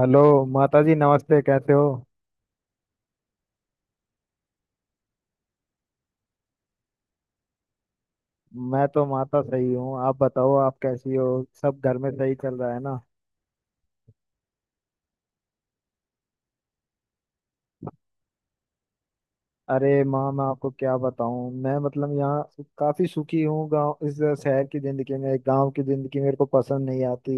Hello. माता जी नमस्ते, कैसे हो? मैं तो माता सही हूँ, आप बताओ आप कैसी हो? सब घर में सही चल रहा है ना? अरे माँ मैं आपको क्या बताऊँ, मैं मतलब यहाँ काफी सुखी हूँ। गांव इस शहर की जिंदगी में गांव की जिंदगी मेरे को पसंद नहीं आती।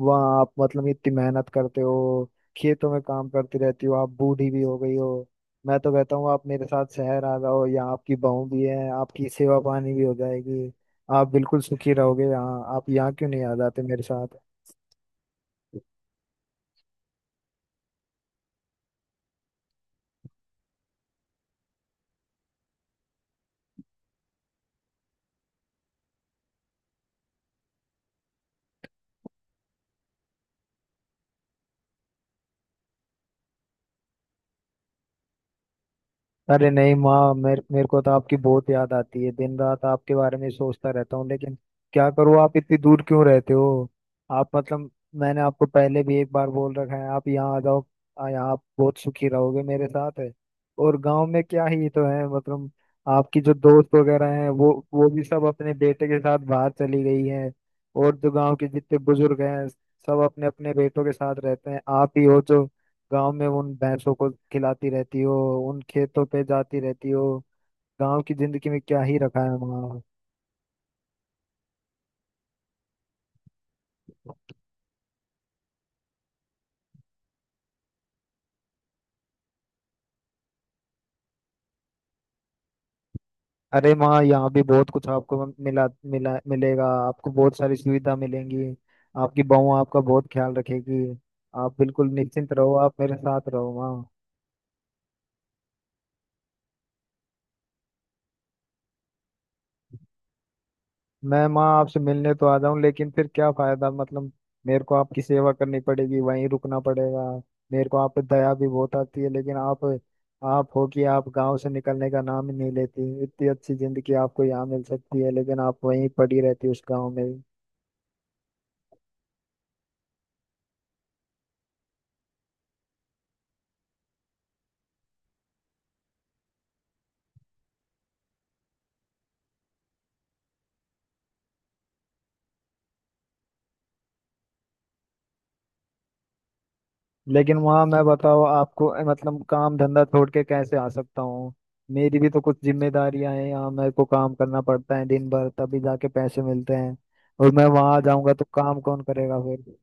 वहाँ आप मतलब इतनी मेहनत करते हो, खेतों में काम करती रहती हो, आप बूढ़ी भी हो गई हो। मैं तो कहता हूँ आप मेरे साथ शहर आ जाओ, यहाँ आपकी बहू भी है, आपकी सेवा पानी भी हो जाएगी। आप बिल्कुल सुखी रहोगे यहाँ, आप यहाँ क्यों नहीं आ जाते मेरे साथ? अरे नहीं माँ, मेरे मेरे को तो आपकी बहुत याद आती है, दिन रात आपके बारे में सोचता रहता हूँ, लेकिन क्या करूँ आप इतनी दूर क्यों रहते हो? आप मतलब मैंने आपको पहले भी एक बार बोल रखा है आप यहाँ आ जाओ। यहाँ आप बहुत सुखी रहोगे मेरे साथ है। और गांव में क्या ही तो है मतलब, आपकी जो दोस्त वगैरह हैं वो भी सब अपने बेटे के साथ बाहर चली गई हैं। और जो गांव के जितने बुजुर्ग हैं सब अपने अपने बेटों के साथ रहते हैं, आप ही हो जो गांव में उन भैंसों को खिलाती रहती हो, उन खेतों पे जाती रहती हो। गांव की जिंदगी में क्या ही रखा है माँ। अरे माँ यहाँ भी बहुत कुछ आपको मिला, मिलेगा, आपको बहुत सारी सुविधा मिलेंगी। आपकी बहू आपका बहुत ख्याल रखेगी। आप बिल्कुल निश्चिंत रहो, आप मेरे साथ रहो माँ। मैं माँ आपसे मिलने तो आ जाऊं लेकिन फिर क्या फायदा, मतलब मेरे को आपकी सेवा करनी पड़ेगी, वहीं रुकना पड़ेगा। मेरे को आप पे दया भी बहुत आती है, लेकिन आप हो कि आप गांव से निकलने का नाम ही नहीं लेती। इतनी अच्छी जिंदगी आपको यहाँ मिल सकती है लेकिन आप वहीं पड़ी रहती उस गांव में ही। लेकिन वहां मैं बताओ आपको मतलब काम धंधा छोड़ के कैसे आ सकता हूँ? मेरी भी तो कुछ जिम्मेदारियां हैं, यहाँ मेरे को काम करना पड़ता है दिन भर, तभी जाके पैसे मिलते हैं। और मैं वहां जाऊंगा तो काम कौन करेगा फिर?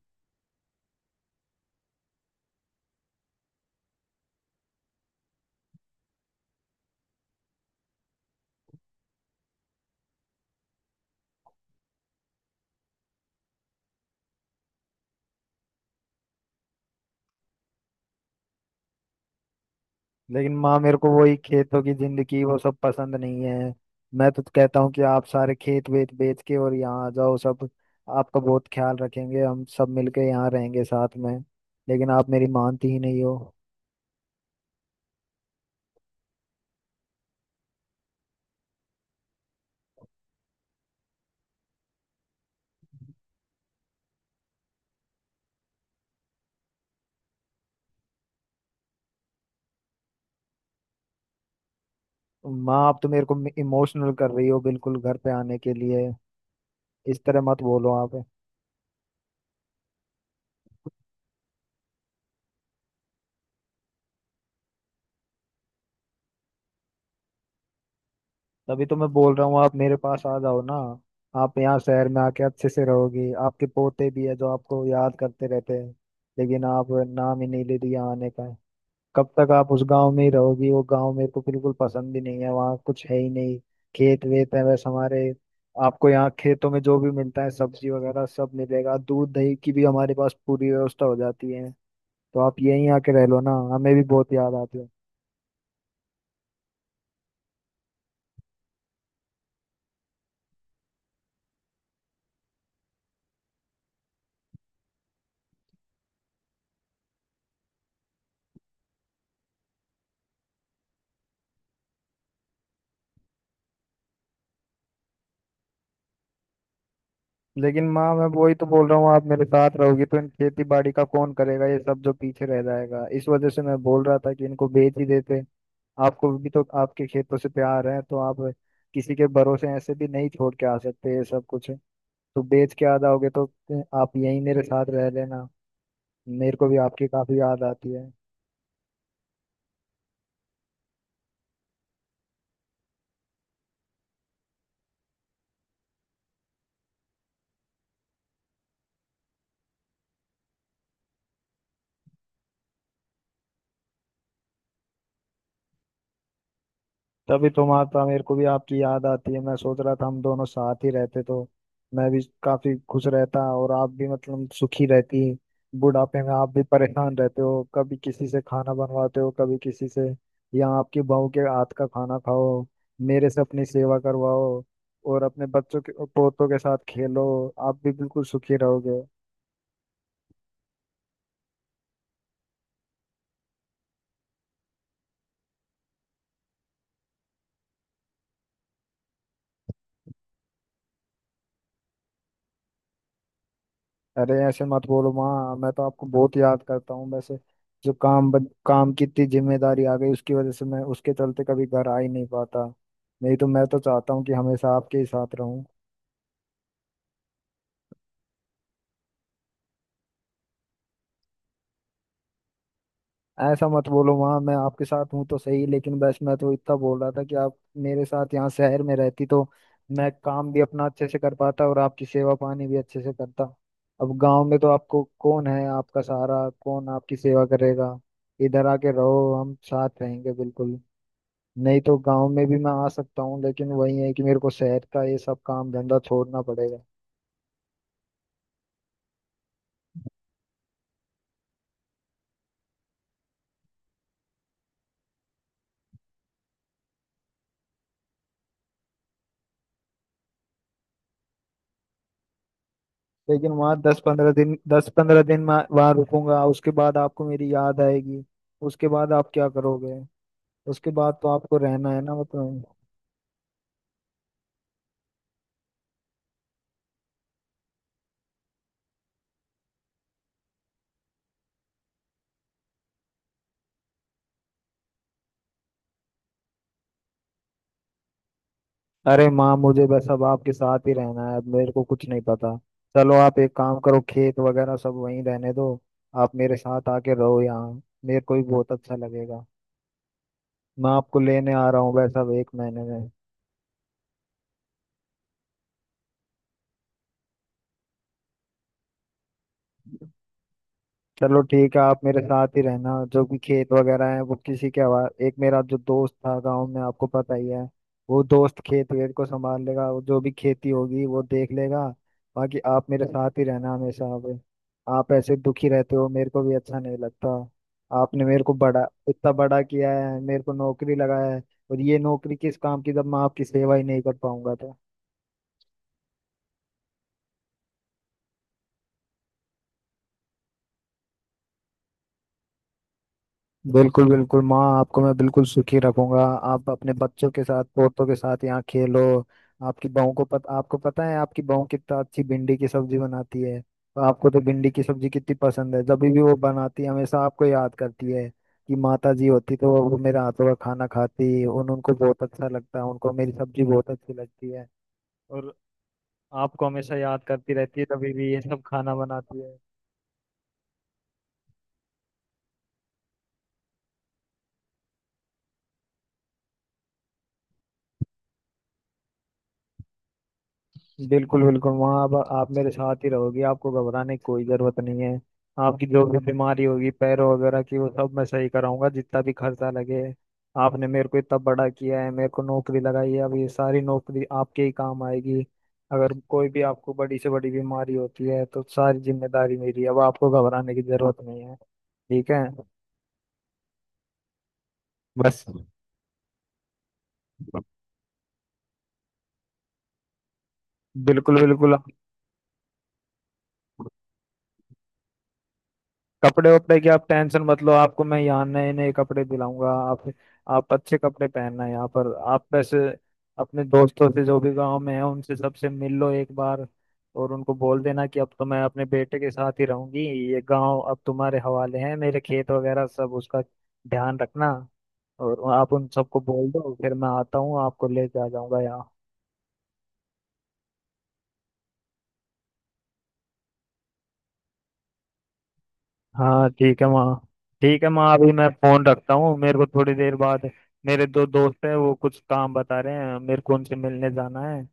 लेकिन माँ मेरे को वही खेतों की जिंदगी वो सब पसंद नहीं है। मैं तो कहता हूँ कि आप सारे खेत वेत बेच के और यहाँ आ जाओ, सब आपका बहुत ख्याल रखेंगे, हम सब मिलके यहाँ रहेंगे साथ में। लेकिन आप मेरी मानती ही नहीं हो। माँ आप तो मेरे को इमोशनल कर रही हो बिल्कुल घर पे आने के लिए, इस तरह मत बोलो आप। तभी तो मैं बोल रहा हूँ आप मेरे पास आ जाओ ना। आप यहाँ शहर में आके अच्छे से रहोगी, आपके पोते भी है जो आपको याद करते रहते हैं। लेकिन आप नाम ही नहीं ले दिया आने का। कब तक आप उस गांव में ही रहोगी? वो गांव मेरे को बिल्कुल पसंद भी नहीं है, वहाँ कुछ है ही नहीं, खेत वेत है बस हमारे। आपको यहाँ खेतों में जो भी मिलता है सब्जी वगैरह सब मिलेगा, दूध दही की भी हमारे पास पूरी व्यवस्था हो जाती है। तो आप यहीं आके रह लो ना, हमें भी बहुत याद आती है। लेकिन माँ मैं वही तो बोल रहा हूँ, आप मेरे साथ रहोगी तो इन खेती बाड़ी का कौन करेगा, ये सब जो पीछे रह जाएगा, इस वजह से मैं बोल रहा था कि इनको बेच ही देते। आपको भी तो आपके खेतों से प्यार है तो आप किसी के भरोसे ऐसे भी नहीं छोड़ के आ सकते ये सब कुछ। तो बेच के आ जाओगे तो आप यहीं मेरे साथ रह लेना। मेरे को भी आपकी काफी याद आती है। तभी तुम आता, मेरे को भी आपकी याद आती है, मैं सोच रहा था हम दोनों साथ ही रहते तो मैं भी काफी खुश रहता और आप भी मतलब सुखी रहती। बुढ़ापे में आप भी परेशान रहते हो, कभी किसी से खाना बनवाते हो कभी किसी से, या आपकी बहू के हाथ का खाना खाओ, मेरे से अपनी सेवा करवाओ, और अपने बच्चों के पोतों के साथ खेलो, आप भी बिल्कुल सुखी रहोगे। अरे ऐसे मत बोलो माँ, मैं तो आपको बहुत याद करता हूँ वैसे। जो काम की इतनी जिम्मेदारी आ गई उसकी वजह से मैं उसके चलते कभी घर आ ही नहीं पाता। नहीं तो मैं तो चाहता हूँ कि हमेशा आपके ही साथ रहूँ। ऐसा मत बोलो माँ, मैं आपके साथ हूँ तो सही, लेकिन बस मैं तो इतना बोल रहा था कि आप मेरे साथ यहाँ शहर में रहती तो मैं काम भी अपना अच्छे से कर पाता और आपकी सेवा पानी भी अच्छे से करता। अब गांव में तो आपको कौन है, आपका सहारा कौन, आपकी सेवा करेगा? इधर आके रहो, हम साथ रहेंगे बिल्कुल। नहीं तो गांव में भी मैं आ सकता हूँ, लेकिन वही है कि मेरे को शहर का ये सब काम धंधा छोड़ना पड़ेगा। लेकिन वहाँ 10 15 दिन, मैं वहाँ रुकूंगा उसके बाद आपको मेरी याद आएगी। उसके बाद आप क्या करोगे? उसके बाद तो आपको रहना है ना मतलब। अरे माँ, मुझे बस अब आपके साथ ही रहना है, अब मेरे को कुछ नहीं पता। चलो आप एक काम करो, खेत वगैरह सब वहीं रहने दो, आप मेरे साथ आके रहो यहाँ, मेरे को भी बहुत अच्छा लगेगा। मैं आपको लेने आ रहा हूँ वैसा 1 महीने में। चलो ठीक है, आप मेरे साथ ही रहना, जो भी खेत वगैरह है वो किसी के हवा। एक मेरा जो दोस्त था गांव में आपको पता ही है, वो दोस्त खेत वेत को संभाल लेगा, वो जो भी खेती होगी वो देख लेगा। बाकी आप मेरे साथ ही रहना हमेशा अब। आप ऐसे दुखी रहते हो मेरे को भी अच्छा नहीं लगता। आपने मेरे को बड़ा इतना बड़ा किया है, मेरे को नौकरी लगाया है। और ये नौकरी किस काम की जब मैं आपकी सेवा ही नहीं कर पाऊंगा तो। बिल्कुल बिल्कुल माँ, आपको मैं बिल्कुल सुखी रखूंगा। आप अपने बच्चों के साथ पोतों के साथ यहाँ खेलो। आपकी बहू को पता, आपको पता है आपकी बहू कितना अच्छी भिंडी की सब्जी बनाती है, तो आपको तो भिंडी की सब्जी कितनी पसंद है, जब भी वो बनाती है हमेशा आपको याद करती है कि माता जी होती तो वो मेरे हाथों का खाना खाती, उन उनको बहुत अच्छा लगता, उनको मेरी सब्जी बहुत अच्छी लगती है। और आपको हमेशा याद करती रहती है, तभी भी ये सब खाना बनाती है। बिल्कुल बिल्कुल, वहाँ अब आप मेरे साथ ही रहोगी, आपको घबराने की कोई जरूरत नहीं है। आपकी जो भी बीमारी होगी पैरों वगैरह की वो सब मैं सही कराऊंगा, जितना भी खर्चा लगे। आपने मेरे को इतना बड़ा किया है, मेरे को नौकरी लगाई है, अब ये सारी नौकरी आपके ही काम आएगी। अगर कोई भी आपको बड़ी से बड़ी बीमारी होती है तो सारी जिम्मेदारी मेरी है, अब आपको घबराने की जरूरत नहीं है, ठीक है? बस, बिल्कुल बिल्कुल। कपड़े वपड़े की आप टेंशन मत लो, आपको मैं यहाँ नए नए कपड़े दिलाऊंगा। आप अच्छे कपड़े पहनना यहाँ पर। आप वैसे अपने दोस्तों से जो भी गांव में है उनसे सबसे मिल लो एक बार, और उनको बोल देना कि अब तो मैं अपने बेटे के साथ ही रहूंगी, ये गांव अब तुम्हारे हवाले है, मेरे खेत वगैरह सब उसका ध्यान रखना। और आप उन सबको बोल दो, फिर मैं आता हूँ आपको लेके आ जाऊंगा यहाँ। हाँ ठीक है माँ। ठीक है माँ, अभी मैं फोन रखता हूँ, मेरे को थोड़ी देर बाद मेरे 2 दोस्त हैं वो कुछ काम बता रहे हैं, मेरे को उनसे मिलने जाना है।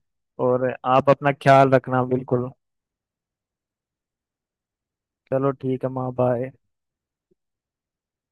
और आप अपना ख्याल रखना बिल्कुल। चलो ठीक है माँ, बाय।